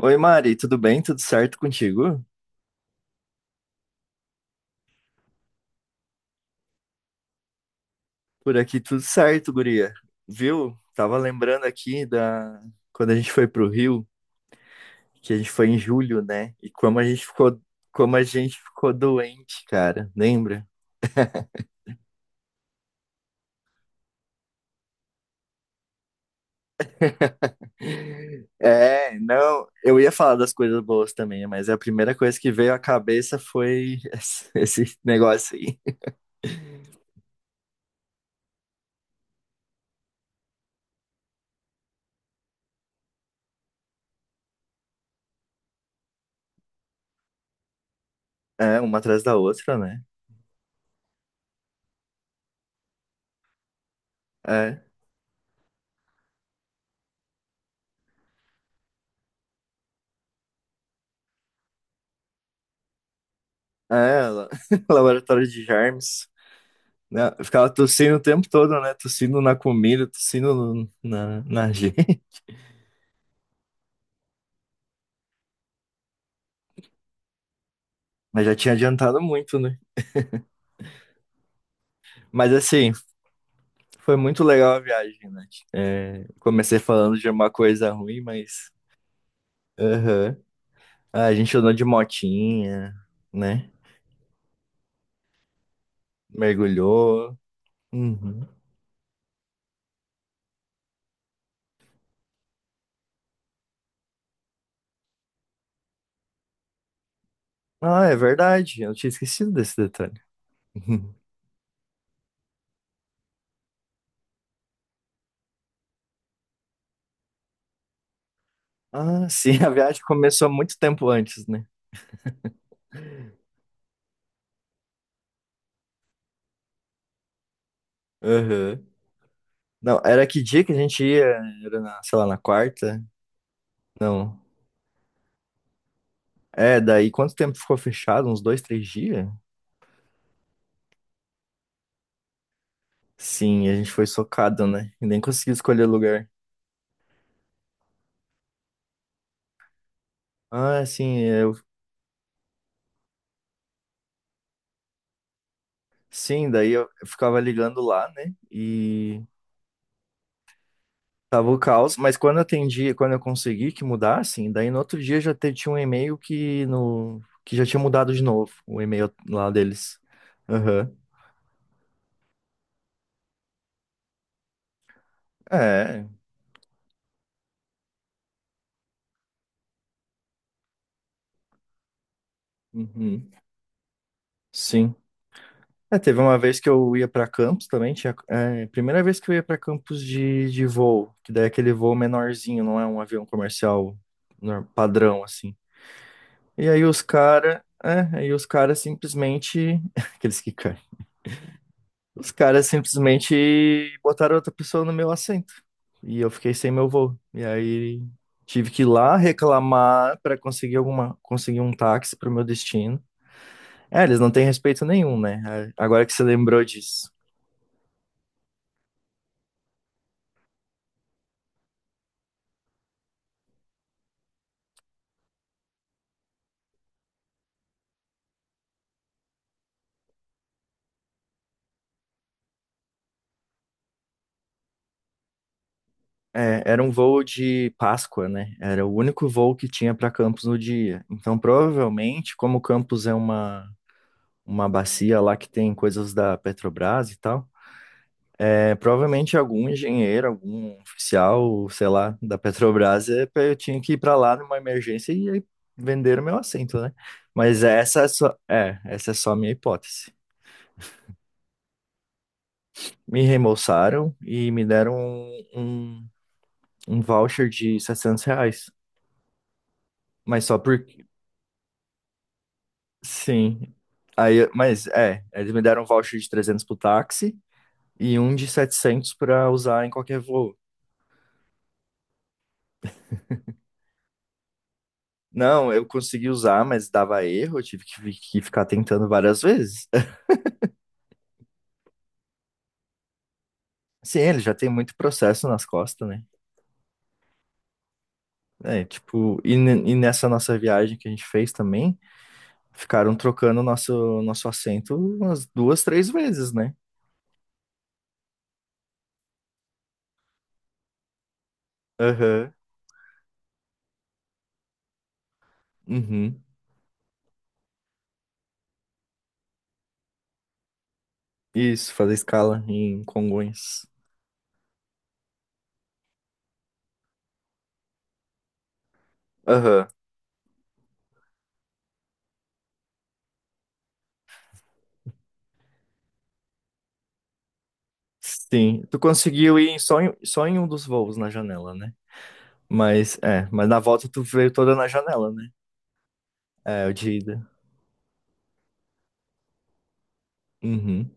Oi, Mari, tudo bem? Tudo certo contigo? Por aqui tudo certo, guria. Viu? Tava lembrando aqui da quando a gente foi pro Rio, que a gente foi em julho, né? E como a gente ficou como a gente ficou doente, cara, lembra? É, não, eu ia falar das coisas boas também, mas a primeira coisa que veio à cabeça foi esse negócio aí. É, uma atrás da outra, né? É, é, la- laboratório de germes. Né? Eu ficava tossindo o tempo todo, né? Tossindo na comida, tossindo no- na, na gente. Mas já tinha adiantado muito, né? Mas assim, foi muito legal a viagem, né? É, comecei falando de uma coisa ruim, mas. Aham. Ah, a gente andou de motinha, né? Mergulhou. Uhum. Ah, é verdade. Eu tinha esquecido desse detalhe. Ah, sim, a viagem começou muito tempo antes, né? Aham. Não, era que dia que a gente ia? Era na, sei lá, na quarta? Não. É, daí quanto tempo ficou fechado? Uns dois, três dias? Sim, a gente foi socado, né? E nem consegui escolher lugar. Ah, sim, eu. Sim, daí eu ficava ligando lá, né? E tava o caos, mas quando eu atendi, quando eu consegui que mudassem, daí no outro dia tinha um e-mail que no que já tinha mudado de novo, o e-mail lá deles. Aham. É. Uhum. Sim. É, teve uma vez que eu ia para Campos também, tinha, é, primeira vez que eu ia para Campos de voo, que daí é aquele voo menorzinho, não é um avião comercial padrão, assim. E aí os cara, é, aí os caras simplesmente, aqueles que caem, os caras simplesmente botaram outra pessoa no meu assento, e eu fiquei sem meu voo. E aí tive que ir lá reclamar para conseguir alguma, conseguir um táxi para o meu destino. É, eles não têm respeito nenhum, né? É, agora que você lembrou disso. É, era um voo de Páscoa, né? Era o único voo que tinha para Campos no dia. Então, provavelmente, como Campos é uma bacia lá que tem coisas da Petrobras e tal, é, provavelmente algum engenheiro, algum oficial, sei lá, da Petrobras, eu tinha que ir para lá numa emergência e aí venderam meu assento, né? Mas essa é só, é, essa é só a minha hipótese. Me reembolsaram e me deram um voucher de 700 reais. Mas só por Sim. Aí, mas é, eles me deram um voucher de 300 pro táxi e um de 700 para usar em qualquer voo. Não, eu consegui usar, mas dava erro, eu tive que, ficar tentando várias vezes. Sim, ele já tem muito processo nas costas, né? É, tipo, e nessa nossa viagem que a gente fez também, ficaram trocando nosso assento umas duas, três vezes, né? Aham. Uhum. Isso, fazer escala em Congonhas. Aham. Sim, tu conseguiu ir só em um dos voos na janela, né? Mas é, mas na volta tu veio toda na janela, né? É, o de ida. Uhum.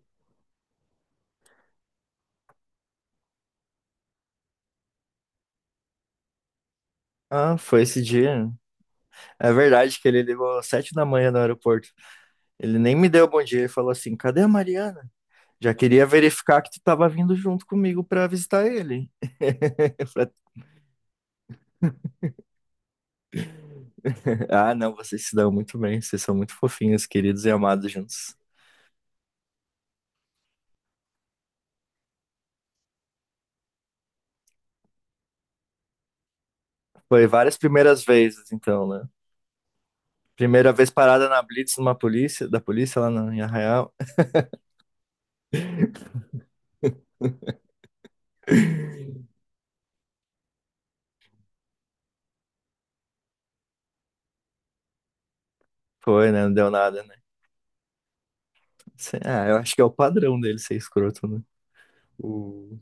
Ah, foi esse dia. É verdade que ele ligou às 7 da manhã no aeroporto. Ele nem me deu bom dia, ele falou assim: cadê a Mariana? Já queria verificar que tu tava vindo junto comigo pra visitar ele. Eu falei, ah, não, vocês se dão muito bem, vocês são muito fofinhos, queridos e amados juntos. Foi várias primeiras vezes, então, né? Primeira vez parada na Blitz numa polícia, da polícia em Arraial. Foi, né? Não deu nada, né? Sei- Ah, eu acho que é o padrão dele ser escroto, né? O...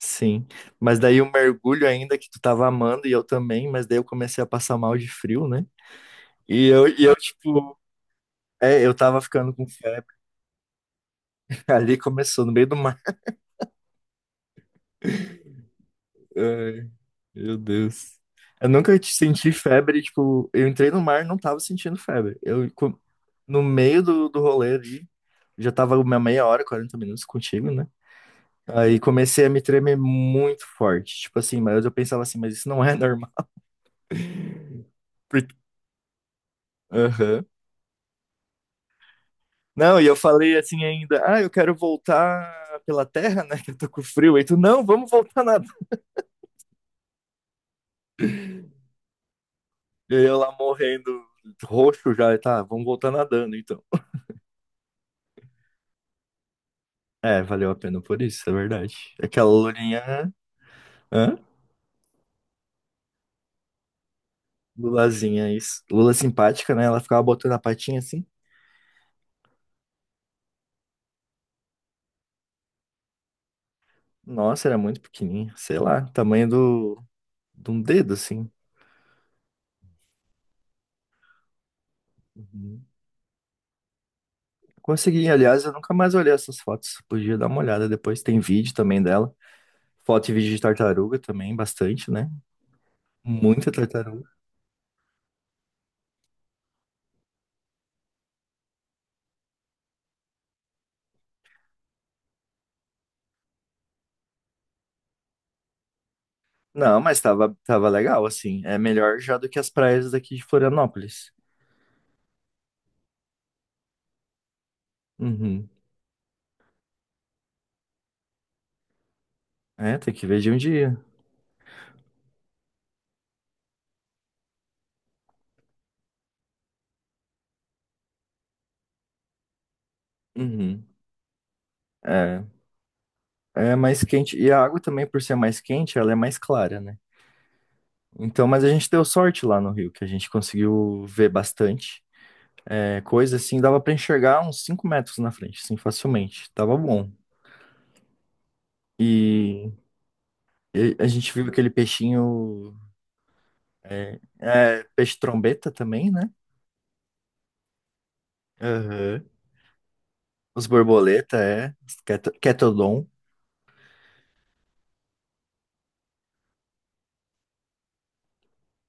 Sim. Mas daí o mergulho ainda, que tu tava amando e eu também, mas daí eu comecei a passar mal de frio, né? E eu tipo, é, eu tava ficando com febre. Ali começou, no meio do Ai, meu Deus. Eu nunca te senti febre, tipo, eu entrei no mar e não tava sentindo febre. No meio do, do rolê ali, já tava uma 1/2 hora, 40 minutos contigo, né? Aí comecei a me tremer muito forte. Tipo assim, mas eu pensava assim, mas isso não é normal. Porque- Aham. Não, e eu falei assim ainda, ah, eu quero voltar pela terra, né? Que eu tô com frio. Aí tu, não, vamos voltar nadando. E eu lá morrendo, roxo já, e tá, vamos voltar nadando, então. É, valeu a pena por isso, é verdade. Aquela lulinha, hã? Lulazinha, isso. Lula simpática, né? Ela ficava botando a patinha assim. Nossa, era muito pequenininha, sei lá, tamanho do, de um dedo, assim. Uhum. Consegui, aliás, eu nunca mais olhei essas fotos. Podia dar uma olhada depois. Tem vídeo também dela. Foto e vídeo de tartaruga também, bastante, né? Muita tartaruga. Não, mas tava, tava legal, assim. É melhor já do que as praias daqui de Florianópolis. Uhum. É, tem que ver de um dia. Uhum. É. É mais quente. E a água também, por ser mais quente, ela é mais clara, né? Então, mas a gente deu sorte lá no Rio, que a gente conseguiu ver bastante. É, coisa assim, dava pra enxergar uns 5 metros na frente, assim, facilmente. Tava bom. E, e a gente viu aquele peixinho. Peixe trombeta também, né? Aham. Os borboleta, é. Cat- Catodon.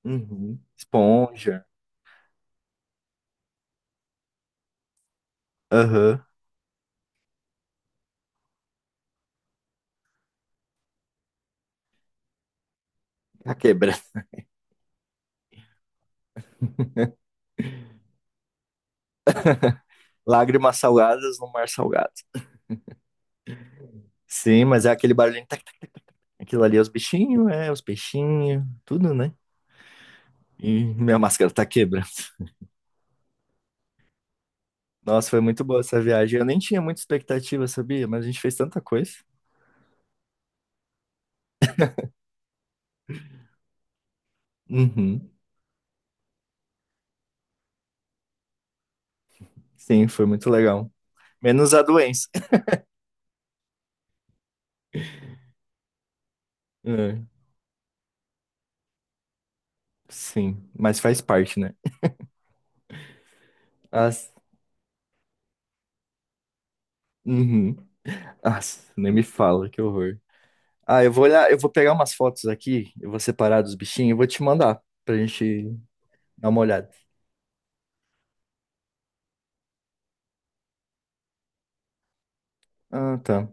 Uhum. Esponja. Aham. A quebra. Lágrimas salgadas no mar salgado. Sim, mas é aquele barulhinho. Aquilo ali é os bichinhos, é, os peixinhos, tudo, né? E minha máscara tá quebrando. Nossa, foi muito boa essa viagem. Eu nem tinha muita expectativa, sabia? Mas a gente fez tanta coisa. Uhum. Sim, foi muito legal. Menos a doença. É, sim, mas faz parte, né? As... Uhum. As... Nem me fala, que horror. Ah, eu vou olhar, eu vou pegar umas fotos aqui, eu vou separar dos bichinhos e vou te mandar pra gente dar uma olhada. Ah, tá.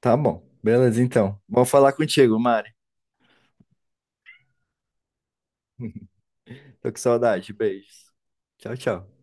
Tá bom. Beleza, então. Vou falar contigo, Mari. Tô com saudade. Beijos. Tchau, tchau.